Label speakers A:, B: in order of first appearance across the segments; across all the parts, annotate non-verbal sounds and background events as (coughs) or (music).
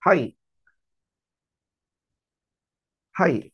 A: はい、はい。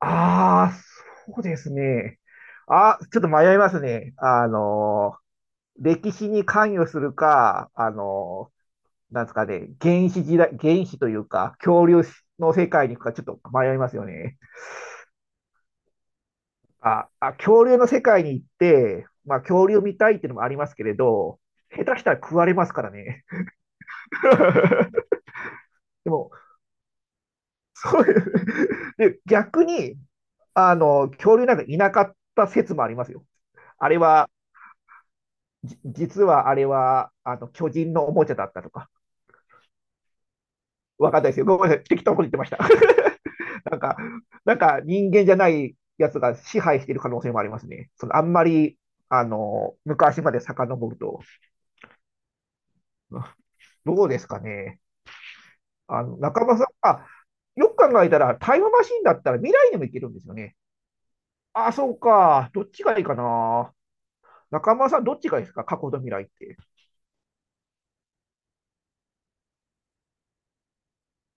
A: ああ、そうですね。あ、ちょっと迷いますね。歴史に関与するか、なんですかね、原始時代、原始というか、恐竜の世界に行くか、ちょっと迷いますよね。あ、あ、恐竜の世界に行って、まあ、恐竜見たいっていうのもありますけれど、下手したら食われますからね。(laughs) でも、そういうで、逆に、恐竜なんかいなかった説もありますよ。あれは、実はあれは、あの、巨人のおもちゃだったとか、わかんないですよ。ごめんなさい。適当に言ってました。(laughs) なんか、なんか人間じゃないやつが支配している可能性もありますね。その、あんまり、昔まで遡ると。どうですかね。中村さん、あ、よく考えたら、タイムマシンだったら未来にも行けるんですよね。あ、そうか。どっちがいいかな。中村さん、どっちがいいですか過去と未来って。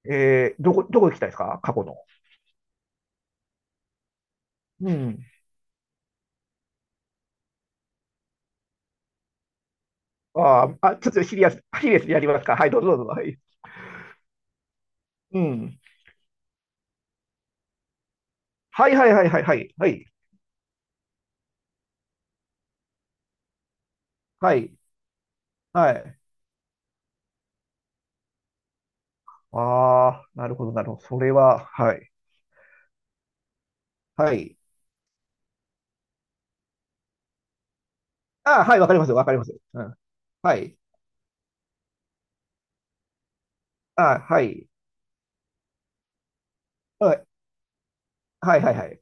A: どこ行きたいですか過去の。うん。あーあ、ちょっとシリアスにやりますか。はい、どうぞどうぞ。はい。うん。はいはいはいはいはい。はい。はい。はい。ああ、なるほどなるほど。それは、はい。はい。ああ、はい、わかりますわかります。うん。はい。ああ、はい。はい。はいはいはい。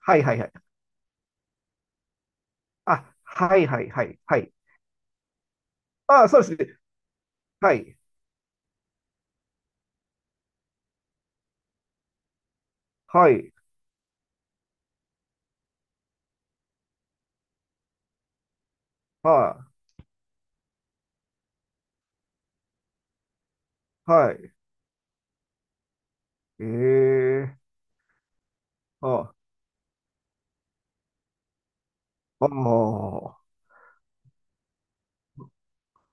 A: はいはいはい。あ、はいはいはいはい。ああ、そうですね。はい。はい。はい。はい。ええ。ああ。ああ。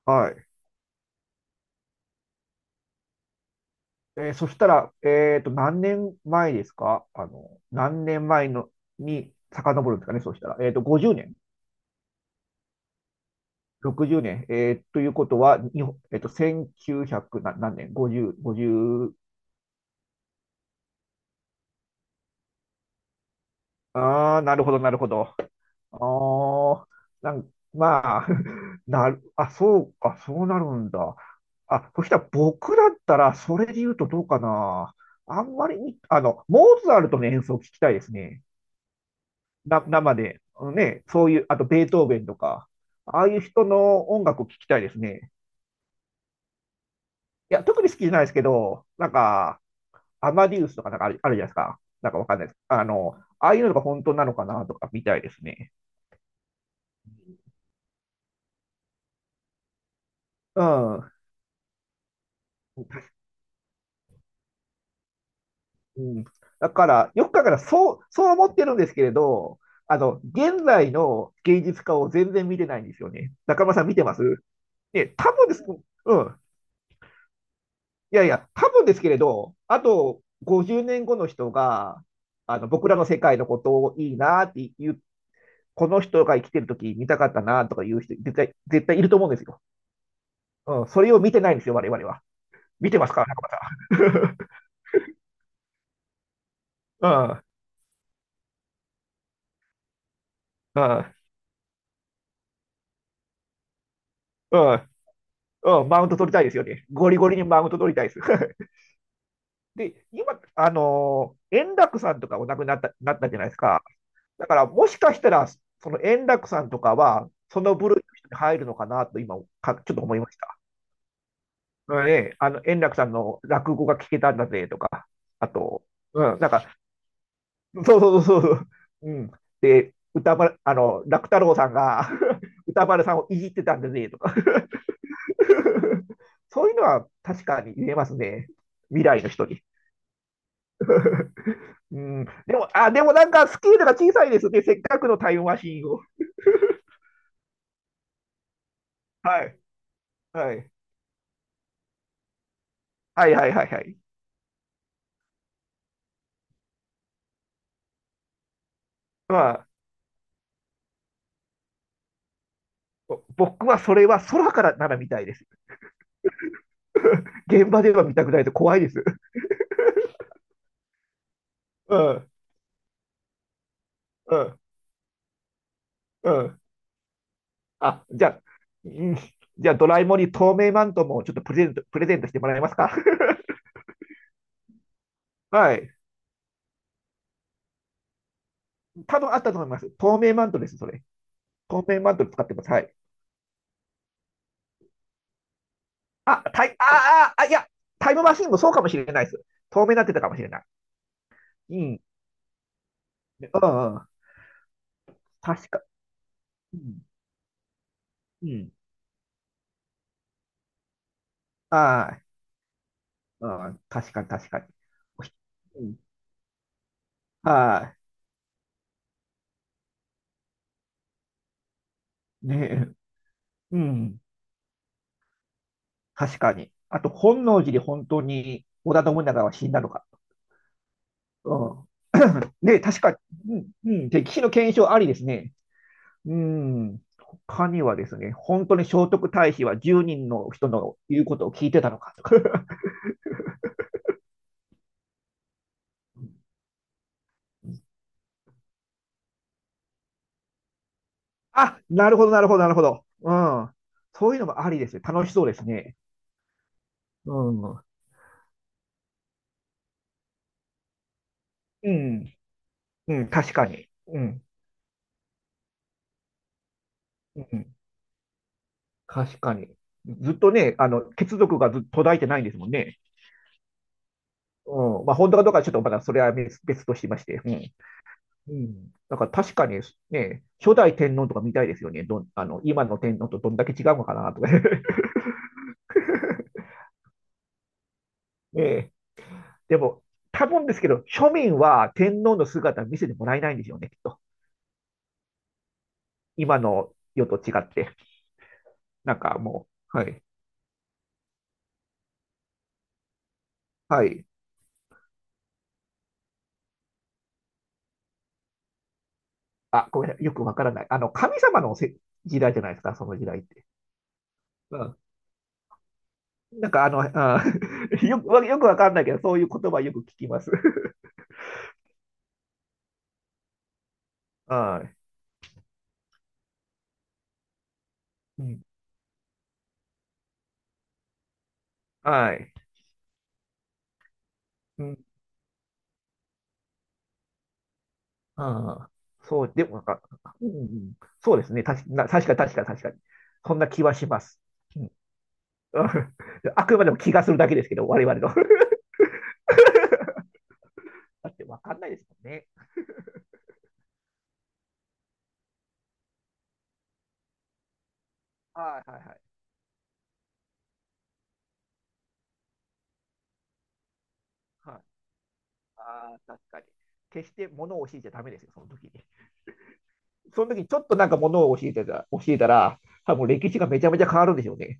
A: はい。そしたら、何年前ですか何年前のに遡るんですかね、そうしたら。50年、60年、ということは、日本1900な何年？ 50、50、ああなるほど、なるほど。ああなんまあ、(laughs) あ、そうか、そうなるんだ。あ、そしたら僕だったら、それで言うとどうかな。あんまりに、モーツァルトの演奏を聞きたいですね。生で、ね、そういう、あとベートーベンとか、ああいう人の音楽を聴きたいですね。いや、特に好きじゃないですけど、なんか、アマディウスとかなんかあるじゃないですか。なんかわかんないです。ああいうのが本当なのかなとか見たいですね。うん。うん、だから、よく考えたら、そう思ってるんですけれど、現在の芸術家を全然見てないんですよね。中村さん見てますね、多分です。うん。いやいや、多分ですけれど、あと50年後の人が、あの僕らの世界のことをいいなっていう、この人が生きてる時見たかったなとかいう人、絶対、絶対いると思うんですよ。うん、それを見てないんですよ、我々は。見てますか、中村さん。(laughs) うん、うん、うん。うん、マウント取りたいですよね。ゴリゴリにマウント取りたいです。(laughs) で、今、円楽さんとかお亡くなった、なったじゃないですか。だから、もしかしたら、その円楽さんとかは、その部類の人に入るのかなと、ちょっと思いました。うんね、あの、円楽さんの落語が聞けたんだぜとか、あと、うん、なんか、そうそうそうそう、うん。で、歌丸、あの、楽太郎さんが (laughs) 歌丸さんをいじってたんだぜとか (laughs) そういうのは確かに言えますね。未来の人に。うん、でも、あ、でもなんかスケールが小さいですね。せっかくのタイムマシーンを。はい。はい。はいはいはいはい。ま僕はそれは空からなら見たいです。現場では見たくないと怖いです。うん、うん、うん。あ、じゃあ、うん、じゃあドラえもんに透明マントもちょっとプレゼントしてもらえますか？ (laughs) はい。多分あったと思います。透明マントです、それ。透明マント使ってます。はい。あ、タイ、あ、あ、あ、いや、タイムマシンもそうかもしれないです。透明になってたかもしれない。うん、うん、うん。確か、うん、うん。はい。うん、確かに、確かに。うん、はい。ねえ、うん。確かに。あと、本能寺で本当に織田信長は死んだのか。うん。(laughs) (coughs) で、うんうん、歴史の検証ありですね。うん。他にはですね、本当に聖徳太子は1人の人の言うことを聞いてたのかとか。(laughs) あ、なるほど、なるほど、なるほど。うん。そういうのもありですね。楽しそうですね。うん。うん。うん、確かに。うん。うん。確かに。ずっとね、あの、血族がずっと途絶えてないんですもんね。うん。まあ、本当かどうかはちょっと、まだそれは別別としまして。うん。うん。だから確かにね、初代天皇とか見たいですよね。どん、あの、今の天皇とどんだけ違うのかなとか。(laughs) ねえ。でも、多分ですけど、庶民は天皇の姿見せてもらえないんでしょうね、きっと。今の世と違って。なんかもう、はい。はい。あ、ごめんなさい。よくわからない。あの、神様の時代じゃないですか、その時代って。うん。なんかあの、あ (laughs) よく、よくわかんないけど、そういう言葉よく聞きます。(laughs) はい。うん。はい。うん。ああ、そう、でもなんか、うん、そうですね。たし、な、確かに確かに確かに。そんな気はします。うん。(laughs) あくまでも気がするだけですけど、我々の。(laughs) だってわかんないですもんね。はいはいはい。はい。ああ、確かに。決して物を教えちゃダメですよ、その時に。その時にちょっと物を教えたら、多分歴史がめちゃめちゃ変わるんでしょうね。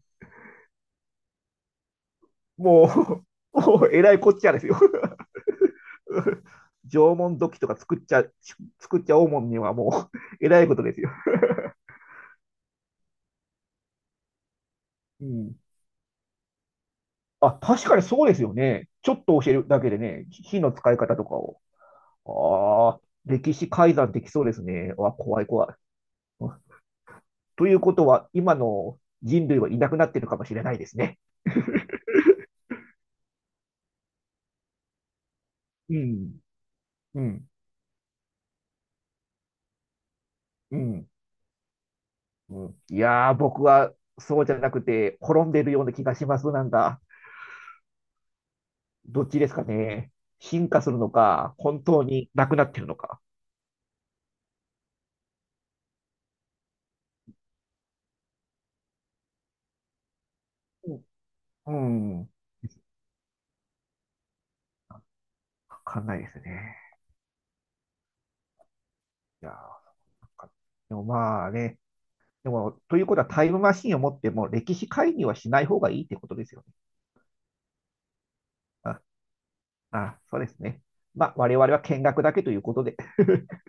A: もう、(laughs) もうえらいこっちゃですよ。(laughs) 縄文土器とか作っちゃおうもんにはもう、えらいことですよ。うんあ、確かにそうですよね。ちょっと教えるだけでね、火の使い方とかを。ああ、歴史改ざんできそうですね。わ、怖い怖い。(laughs) うんということは、今の人類はいなくなってるかもしれないですね。うん、うん、うん、うん。いやー、僕はそうじゃなくて、滅んでるような気がします。なんか、どっちですかね。進化するのか、本当になくなってるのか。うん、うんわかんないですね。いやー、なんかでもまあね、でも、ということはタイムマシンを持っても歴史介入はしない方がいいってことですよね。あ、あ、そうですね。まあ、我々は見学だけということで。(laughs)